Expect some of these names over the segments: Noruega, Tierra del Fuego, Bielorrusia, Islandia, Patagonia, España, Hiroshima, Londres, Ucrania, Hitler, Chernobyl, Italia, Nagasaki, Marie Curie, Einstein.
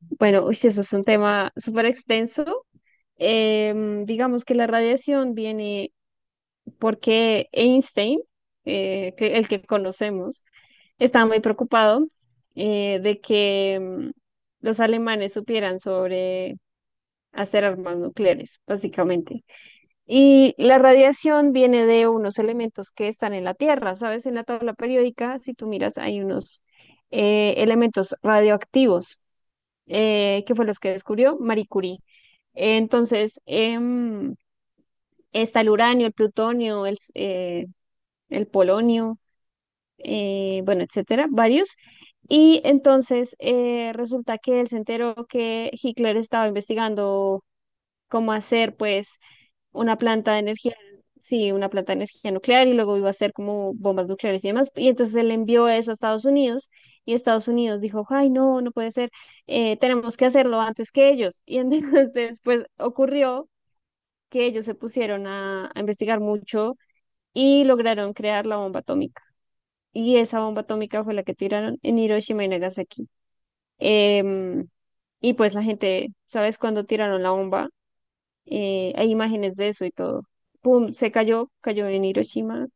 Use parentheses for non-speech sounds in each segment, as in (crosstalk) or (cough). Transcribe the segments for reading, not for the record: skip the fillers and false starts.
Bueno, uy, sí, eso es un tema súper extenso. Digamos que la radiación viene porque Einstein, el que conocemos, estaba muy preocupado de que los alemanes supieran sobre hacer armas nucleares, básicamente. Y la radiación viene de unos elementos que están en la Tierra, ¿sabes? En la tabla periódica, si tú miras, hay unos elementos radioactivos que fue los que descubrió Marie Curie. Entonces, está el uranio, el plutonio, el polonio, bueno, etcétera, varios. Y entonces resulta que él se enteró que Hitler estaba investigando cómo hacer, pues, una planta de energía, sí, una planta de energía nuclear y luego iba a hacer como bombas nucleares y demás. Y entonces él envió eso a Estados Unidos y Estados Unidos dijo, ay, no, no puede ser, tenemos que hacerlo antes que ellos. Y (laughs) entonces pues ocurrió que ellos se pusieron a investigar mucho y lograron crear la bomba atómica. Y esa bomba atómica fue la que tiraron en Hiroshima y Nagasaki. Em, y pues la gente, ¿sabes? Cuando tiraron la bomba, hay imágenes de eso y todo. Pum, se cayó, cayó en Hiroshima.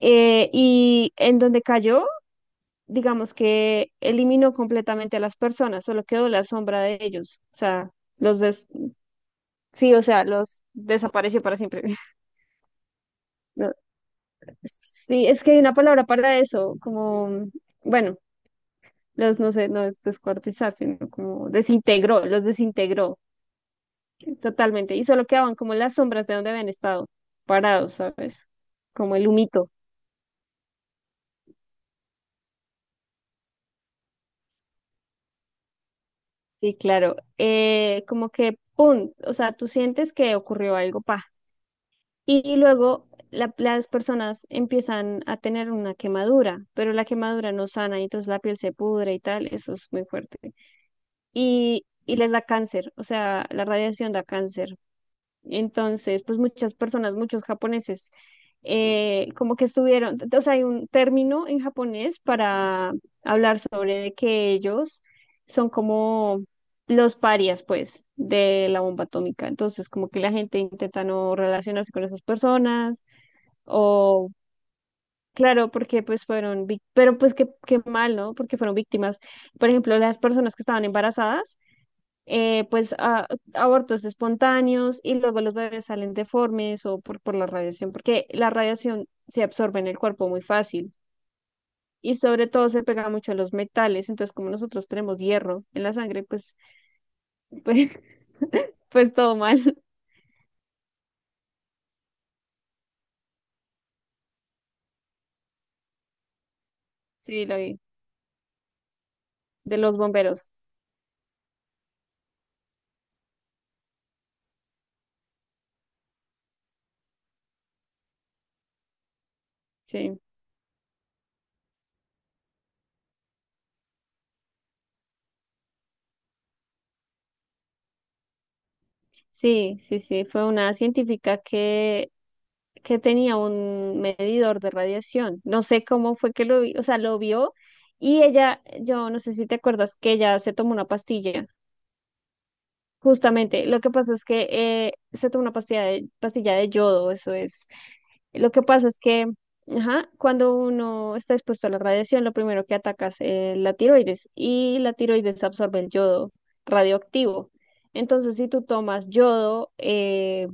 Y en donde cayó, digamos que eliminó completamente a las personas, solo quedó la sombra de ellos. O sea, los des sí, o sea, los desapareció para siempre. (laughs) No, sí, es que hay una palabra para eso, como, bueno. Los, no sé, no es descuartizar, sino como desintegró, los desintegró totalmente. Y solo quedaban como las sombras de donde habían estado parados, ¿sabes? Como el humito. Sí, claro. Como que, ¡pum! O sea, tú sientes que ocurrió algo, pa. Y, luego las personas empiezan a tener una quemadura, pero la quemadura no sana y entonces la piel se pudre y tal, eso es muy fuerte. Y les da cáncer, o sea, la radiación da cáncer. Entonces, pues muchas personas, muchos japoneses, como que estuvieron, o sea, hay un término en japonés para hablar sobre de que ellos son como los parias, pues, de la bomba atómica. Entonces, como que la gente intenta no relacionarse con esas personas o... Claro, porque pues fueron, pero pues qué, qué mal, ¿no? Porque fueron víctimas. Por ejemplo, las personas que estaban embarazadas pues abortos espontáneos y luego los bebés salen deformes o por la radiación, porque la radiación se absorbe en el cuerpo muy fácil y sobre todo se pega mucho a los metales, entonces como nosotros tenemos hierro en la sangre, pues, (laughs) pues, pues todo mal, sí, lo vi, de los bomberos, sí, sí, sí, sí, fue una científica que tenía un medidor de radiación. No sé cómo fue que lo vi, o sea, lo vio y ella, yo no sé si te acuerdas que ella se tomó una pastilla. Justamente, lo que pasa es que se toma una pastilla de yodo, eso es. Lo que pasa es que, ajá, cuando uno está expuesto a la radiación, lo primero que ataca es la tiroides y la tiroides absorbe el yodo radioactivo. Entonces, si tú tomas yodo,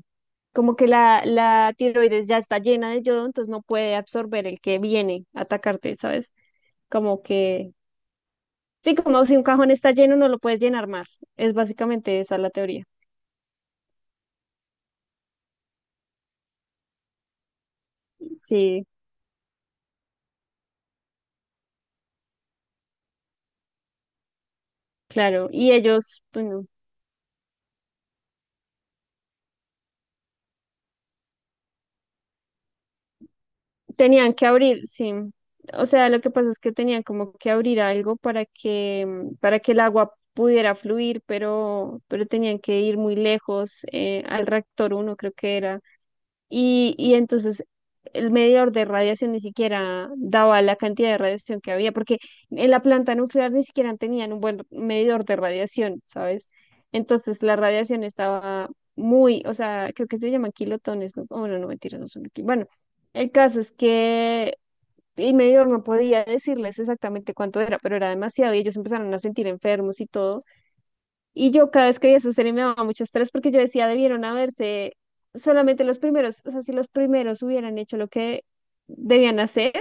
como que la tiroides ya está llena de yodo, entonces no puede absorber el que viene a atacarte, ¿sabes? Como que, sí, como si un cajón está lleno, no lo puedes llenar más. Es básicamente esa la teoría. Sí. Claro, y ellos, bueno, tenían que abrir, sí. O sea, lo que pasa es que tenían como que abrir algo para que, para que el agua pudiera fluir, pero tenían que ir muy lejos al reactor uno, creo que era. Y entonces el medidor de radiación ni siquiera daba la cantidad de radiación que había, porque en la planta nuclear ni siquiera tenían un buen medidor de radiación, ¿sabes? Entonces la radiación estaba muy, o sea, creo que se llaman kilotones, ¿no? Oh, no, no, mentiras, no son aquí. Bueno, el caso es que el medidor no podía decirles exactamente cuánto era, pero era demasiado y ellos empezaron a sentir enfermos y todo. Y yo cada vez que veía esa serie me daba mucho estrés porque yo decía, debieron haberse solamente los primeros, o sea, si los primeros hubieran hecho lo que debían hacer,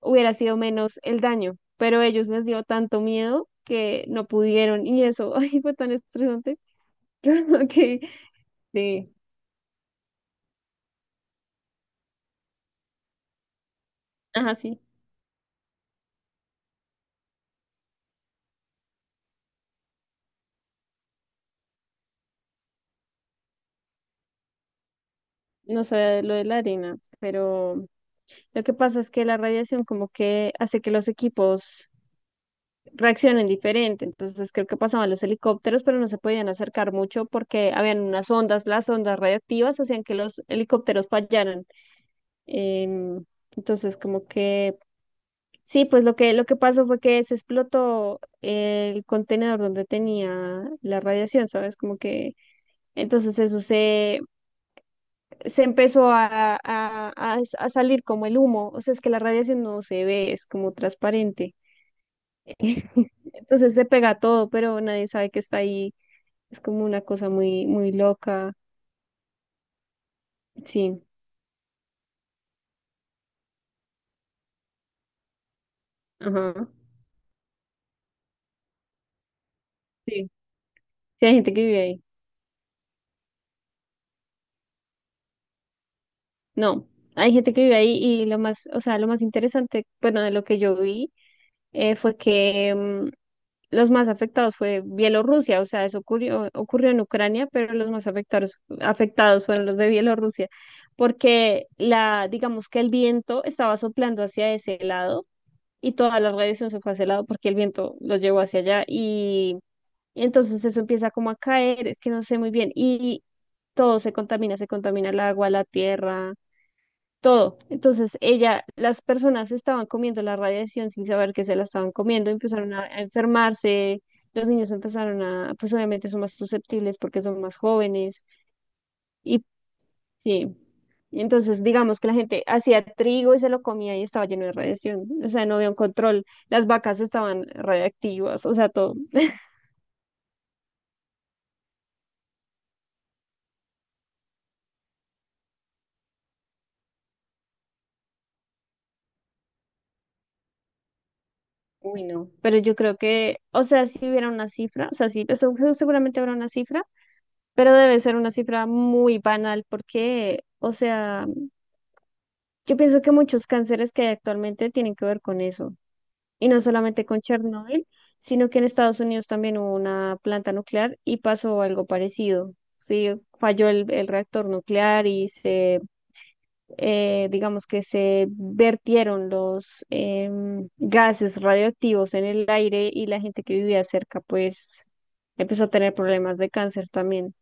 hubiera sido menos el daño, pero ellos les dio tanto miedo que no pudieron y eso, (laughs) ay, fue tan estresante. (laughs) que sí, ajá, sí, no sabía lo de la arena, pero lo que pasa es que la radiación como que hace que los equipos reaccionen diferente. Entonces creo que pasaban los helicópteros, pero no se podían acercar mucho porque habían unas ondas, las ondas radioactivas hacían que los helicópteros fallaran. Em, entonces como que sí, pues lo que pasó fue que se explotó el contenedor donde tenía la radiación, ¿sabes? Como que entonces eso se empezó a salir como el humo, o sea, es que la radiación no se ve, es como transparente. (laughs) Entonces se pega todo, pero nadie sabe que está ahí. Es como una cosa muy, muy loca. Sí, ajá. Sí. Sí, hay gente que vive ahí. No, hay gente que vive ahí y lo más, o sea, lo más interesante, bueno, de lo que yo vi fue que los más afectados fue Bielorrusia, o sea, eso ocurrió, ocurrió en Ucrania, pero los más afectados, afectados fueron los de Bielorrusia, porque digamos que el viento estaba soplando hacia ese lado y toda la radiación se fue hacia ese lado porque el viento los llevó hacia allá. Y entonces eso empieza como a caer, es que no sé muy bien, y todo se contamina el agua, la tierra, todo. Entonces ella, las personas estaban comiendo la radiación sin saber que se la estaban comiendo, empezaron a enfermarse, los niños empezaron a, pues obviamente son más susceptibles porque son más jóvenes, y sí. Entonces, digamos que la gente hacía trigo y se lo comía y estaba lleno de radiación, o sea, no había un control, las vacas estaban radiactivas, o sea, todo. Pero yo creo que, o sea, si hubiera una cifra, o sea, sí, eso seguramente habrá una cifra, pero debe ser una cifra muy banal porque, o sea, yo pienso que muchos cánceres que hay actualmente tienen que ver con eso. Y no solamente con Chernobyl, sino que en Estados Unidos también hubo una planta nuclear y pasó algo parecido. Sí, falló el reactor nuclear y se digamos que se vertieron los gases radioactivos en el aire y la gente que vivía cerca, pues empezó a tener problemas de cáncer también.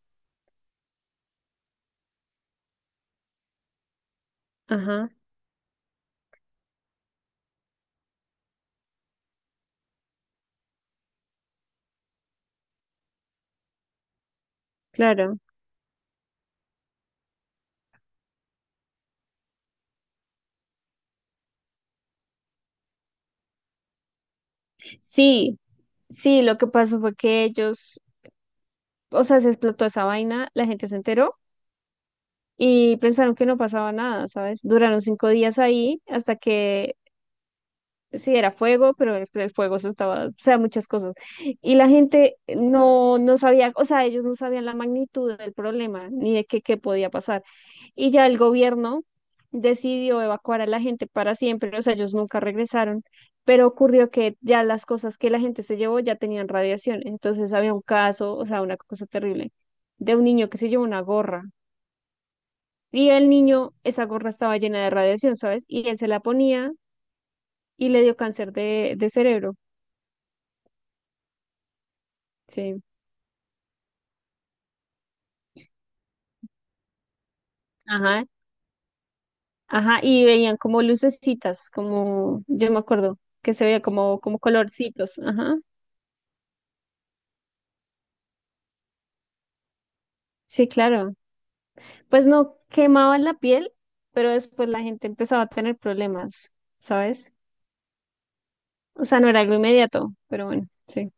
Ajá, claro. Sí, sí, lo que pasó fue que ellos, o sea, se explotó esa vaina, la gente se enteró y pensaron que no pasaba nada, ¿sabes? Duraron 5 días ahí hasta que sí, era fuego, pero el fuego se estaba, o sea, muchas cosas. Y la gente no sabía, o sea, ellos no sabían la magnitud del problema, ni de qué podía pasar. Y ya el gobierno decidió evacuar a la gente para siempre, o sea, ellos nunca regresaron, pero ocurrió que ya las cosas que la gente se llevó ya tenían radiación. Entonces había un caso, o sea, una cosa terrible, de un niño que se llevó una gorra. Y el niño, esa gorra estaba llena de radiación, ¿sabes? Y él se la ponía y le dio cáncer de cerebro. Sí, ajá, ajá, y veían como lucecitas, como, yo me acuerdo, que se veía como, colorcitos, ajá, sí, claro, pues no quemaban la piel, pero después la gente empezaba a tener problemas, ¿sabes? O sea, no era algo inmediato, pero bueno, sí.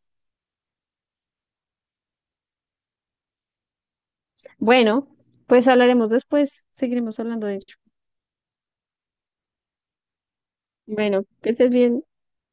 Bueno, pues hablaremos después, seguiremos hablando de ello. Bueno, que estés bien.